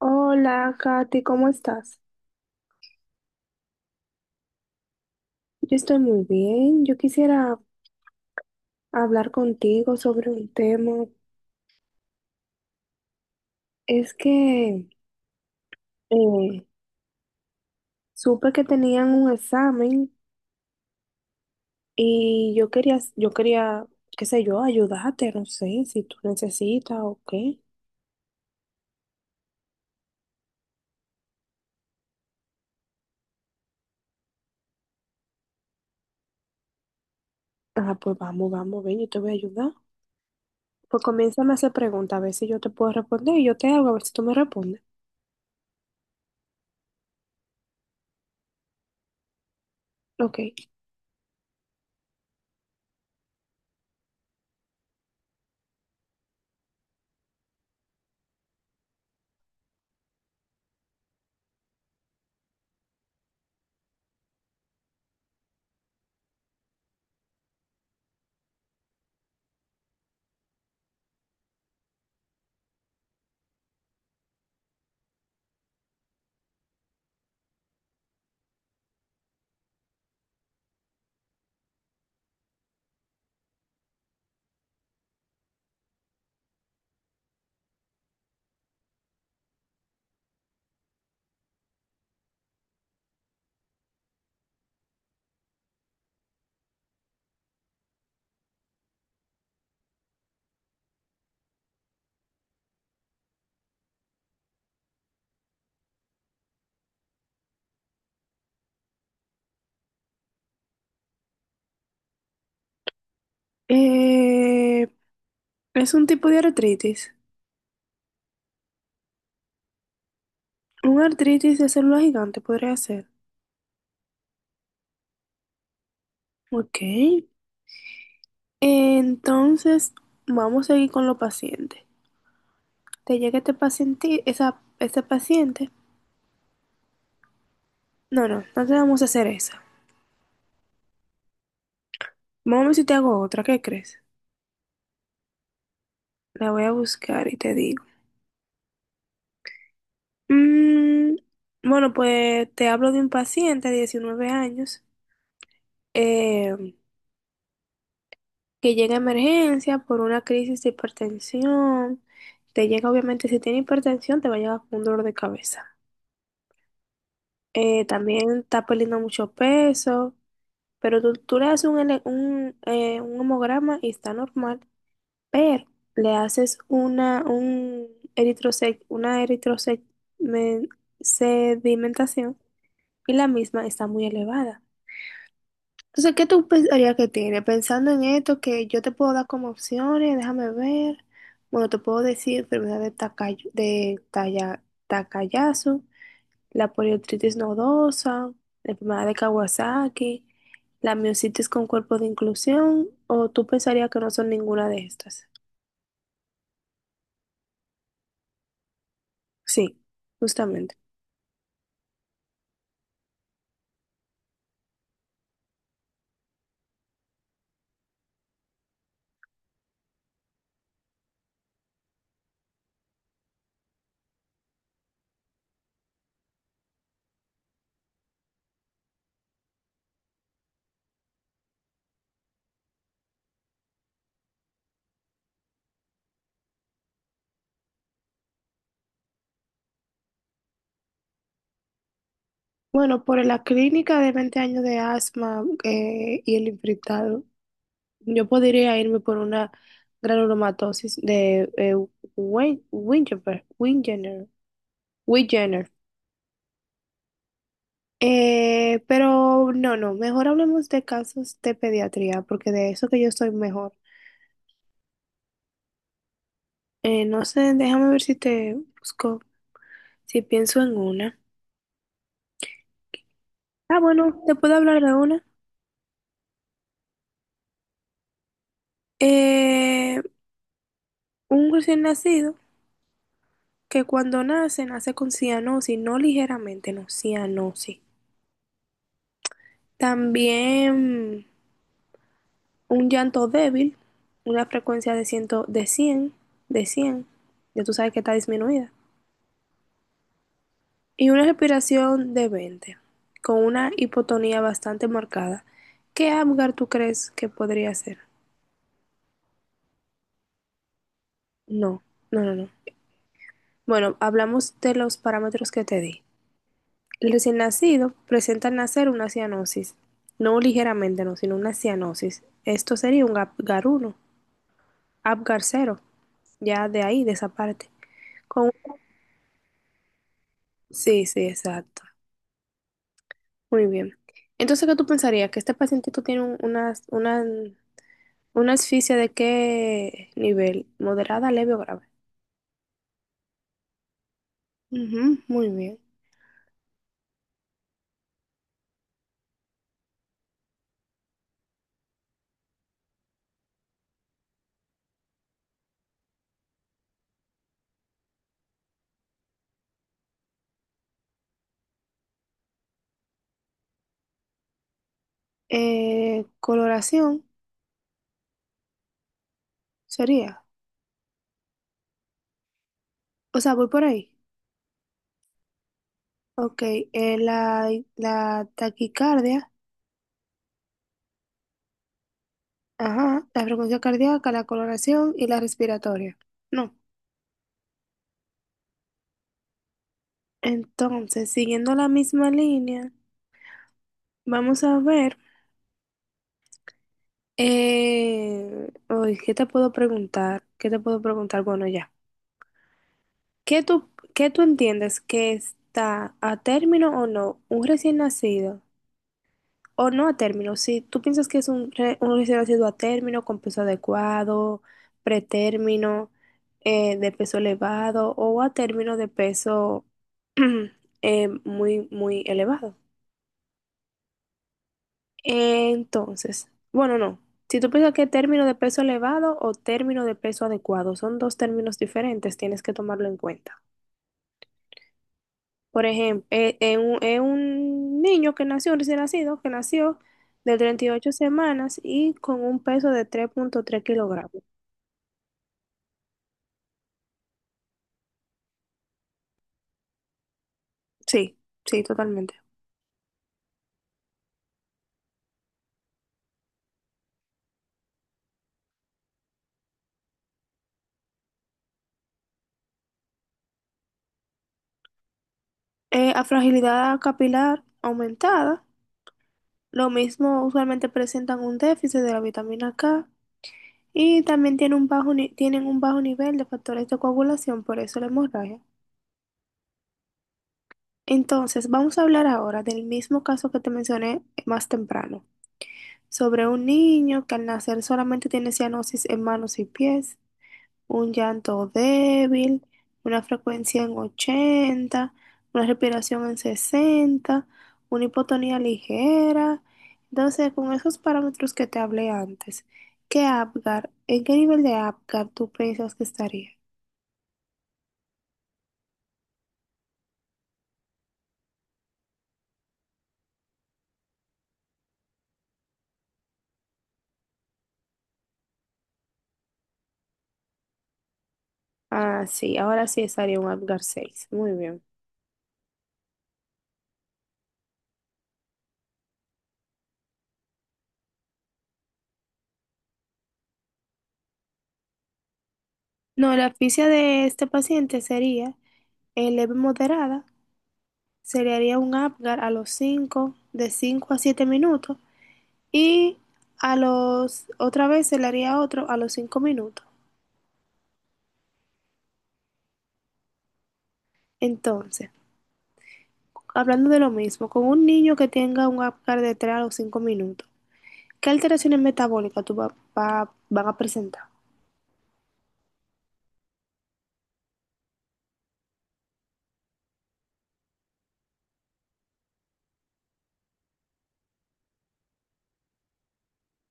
Hola, Katy, ¿cómo estás? Yo estoy muy bien. Yo quisiera hablar contigo sobre un tema. Es que eh, supe que tenían un examen y yo quería, qué sé yo, ayudarte, no sé si tú necesitas o qué. Ah, pues vamos, vamos, ven, yo te voy a ayudar. Pues comiénzame a hacer preguntas, a ver si yo te puedo responder y yo te hago, a ver si tú me respondes. Ok. Eh, es un tipo de artritis. Un artritis de célula gigante podría ser. Ok, entonces vamos a seguir con los pacientes. Te llega este paciente, este paciente. No, no, no te vamos a hacer esa. Vamos a ver si te hago otra, ¿qué crees? La voy a buscar y te digo. Mm, bueno, pues te hablo de un paciente de 19 años eh, que llega a emergencia por una crisis de hipertensión. Te llega, obviamente, si tiene hipertensión, te va a llegar con un dolor de cabeza. También está perdiendo mucho peso. Pero tú le haces un hemograma y está normal, pero le haces una eritrosec, men- sedimentación y la misma está muy elevada. Entonces, ¿qué tú pensarías que tiene? Pensando en esto, que yo te puedo dar como opciones, déjame ver. Bueno, te puedo decir enfermedad de Takayasu, Takayasu, la poliotritis nodosa, la enfermedad de Kawasaki, la miositis con cuerpo de inclusión, o tú pensarías que no son ninguna de estas. Sí, justamente. Bueno, por la clínica de 20 años de asma y el infectado, yo podría irme por una granulomatosis de Wingener. Wigener. Pero no, no, mejor hablemos de casos de pediatría, porque de eso que yo estoy mejor. No sé, déjame ver si te busco, si pienso en una. Ah, bueno, te puedo hablar de una. Eh, un recién nacido que cuando nace, nace con cianosis, no ligeramente, no, cianosis. También un llanto débil, una frecuencia de 100, de 100 ya tú sabes que está disminuida. Y una respiración de 20 con una hipotonía bastante marcada. ¿Qué Apgar tú crees que podría ser? No, no, no, no. Bueno, hablamos de los parámetros que te di. El recién nacido presenta al nacer una cianosis, no ligeramente, no, sino una cianosis. Esto sería un uno, Apgar cero, ya de ahí, de esa parte. Con... Sí, sí, exacto. Muy bien. Entonces, ¿qué tú pensarías? ¿Que este pacientito tiene una asfixia de qué nivel? ¿Moderada, leve o grave? Ujú, muy bien. Coloración sería. O sea, voy por ahí. Ok, la taquicardia, ajá, la frecuencia cardíaca, la coloración y la respiratoria. No. Entonces, siguiendo la misma línea, vamos a ver, ¿qué te puedo preguntar? ¿Qué te puedo preguntar? Bueno, ya. ¿Qué tú, ¿qué tú entiendes que está a término o no un recién nacido? O no a término, si tú piensas que es un recién nacido a término con peso adecuado, pretérmino, de peso elevado o a término de peso muy, muy elevado. Entonces, bueno, no. Si tú piensas que término de peso elevado o término de peso adecuado son dos términos diferentes, tienes que tomarlo en cuenta. Por ejemplo, es un niño que nació, un recién nacido, que nació de 38 semanas y con un peso de 3.3 kilogramos. Sí, sí, totalmente. A fragilidad capilar aumentada, lo mismo usualmente presentan un déficit de la vitamina K y también tienen un bajo, tienen un bajo nivel de factores de coagulación, por eso la hemorragia. Entonces, vamos a hablar ahora del mismo caso que te mencioné más temprano, sobre un niño que al nacer solamente tiene cianosis en manos y pies, un llanto débil, una frecuencia en 80, una respiración en 60, una hipotonía ligera. Entonces, con esos parámetros que te hablé antes, ¿en qué nivel de Apgar tú piensas que estaría? Ah, sí, ahora sí estaría un Apgar 6. Muy bien. No, la asfixia de este paciente sería leve moderada, se le haría un Apgar a los 5 de 5 a 7 minutos, y a los, otra vez se le haría otro a los 5 minutos. Entonces, hablando de lo mismo, con un niño que tenga un Apgar de 3 a los 5 minutos, ¿qué alteraciones metabólicas tú van a presentar?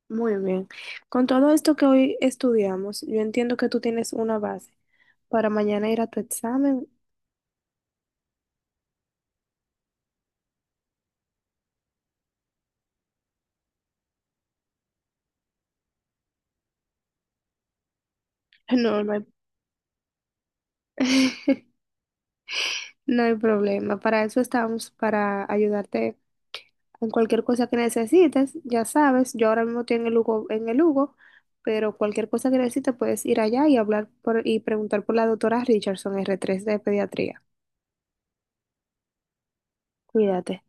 Muy bien. Con todo esto que hoy estudiamos, yo entiendo que tú tienes una base para mañana ir a tu examen. No, no hay problema. Para eso estamos, para ayudarte. Con cualquier cosa que necesites, ya sabes, yo ahora mismo estoy en el Hugo, pero cualquier cosa que necesites puedes ir allá y hablar y preguntar por la doctora Richardson, R3 de pediatría. Cuídate.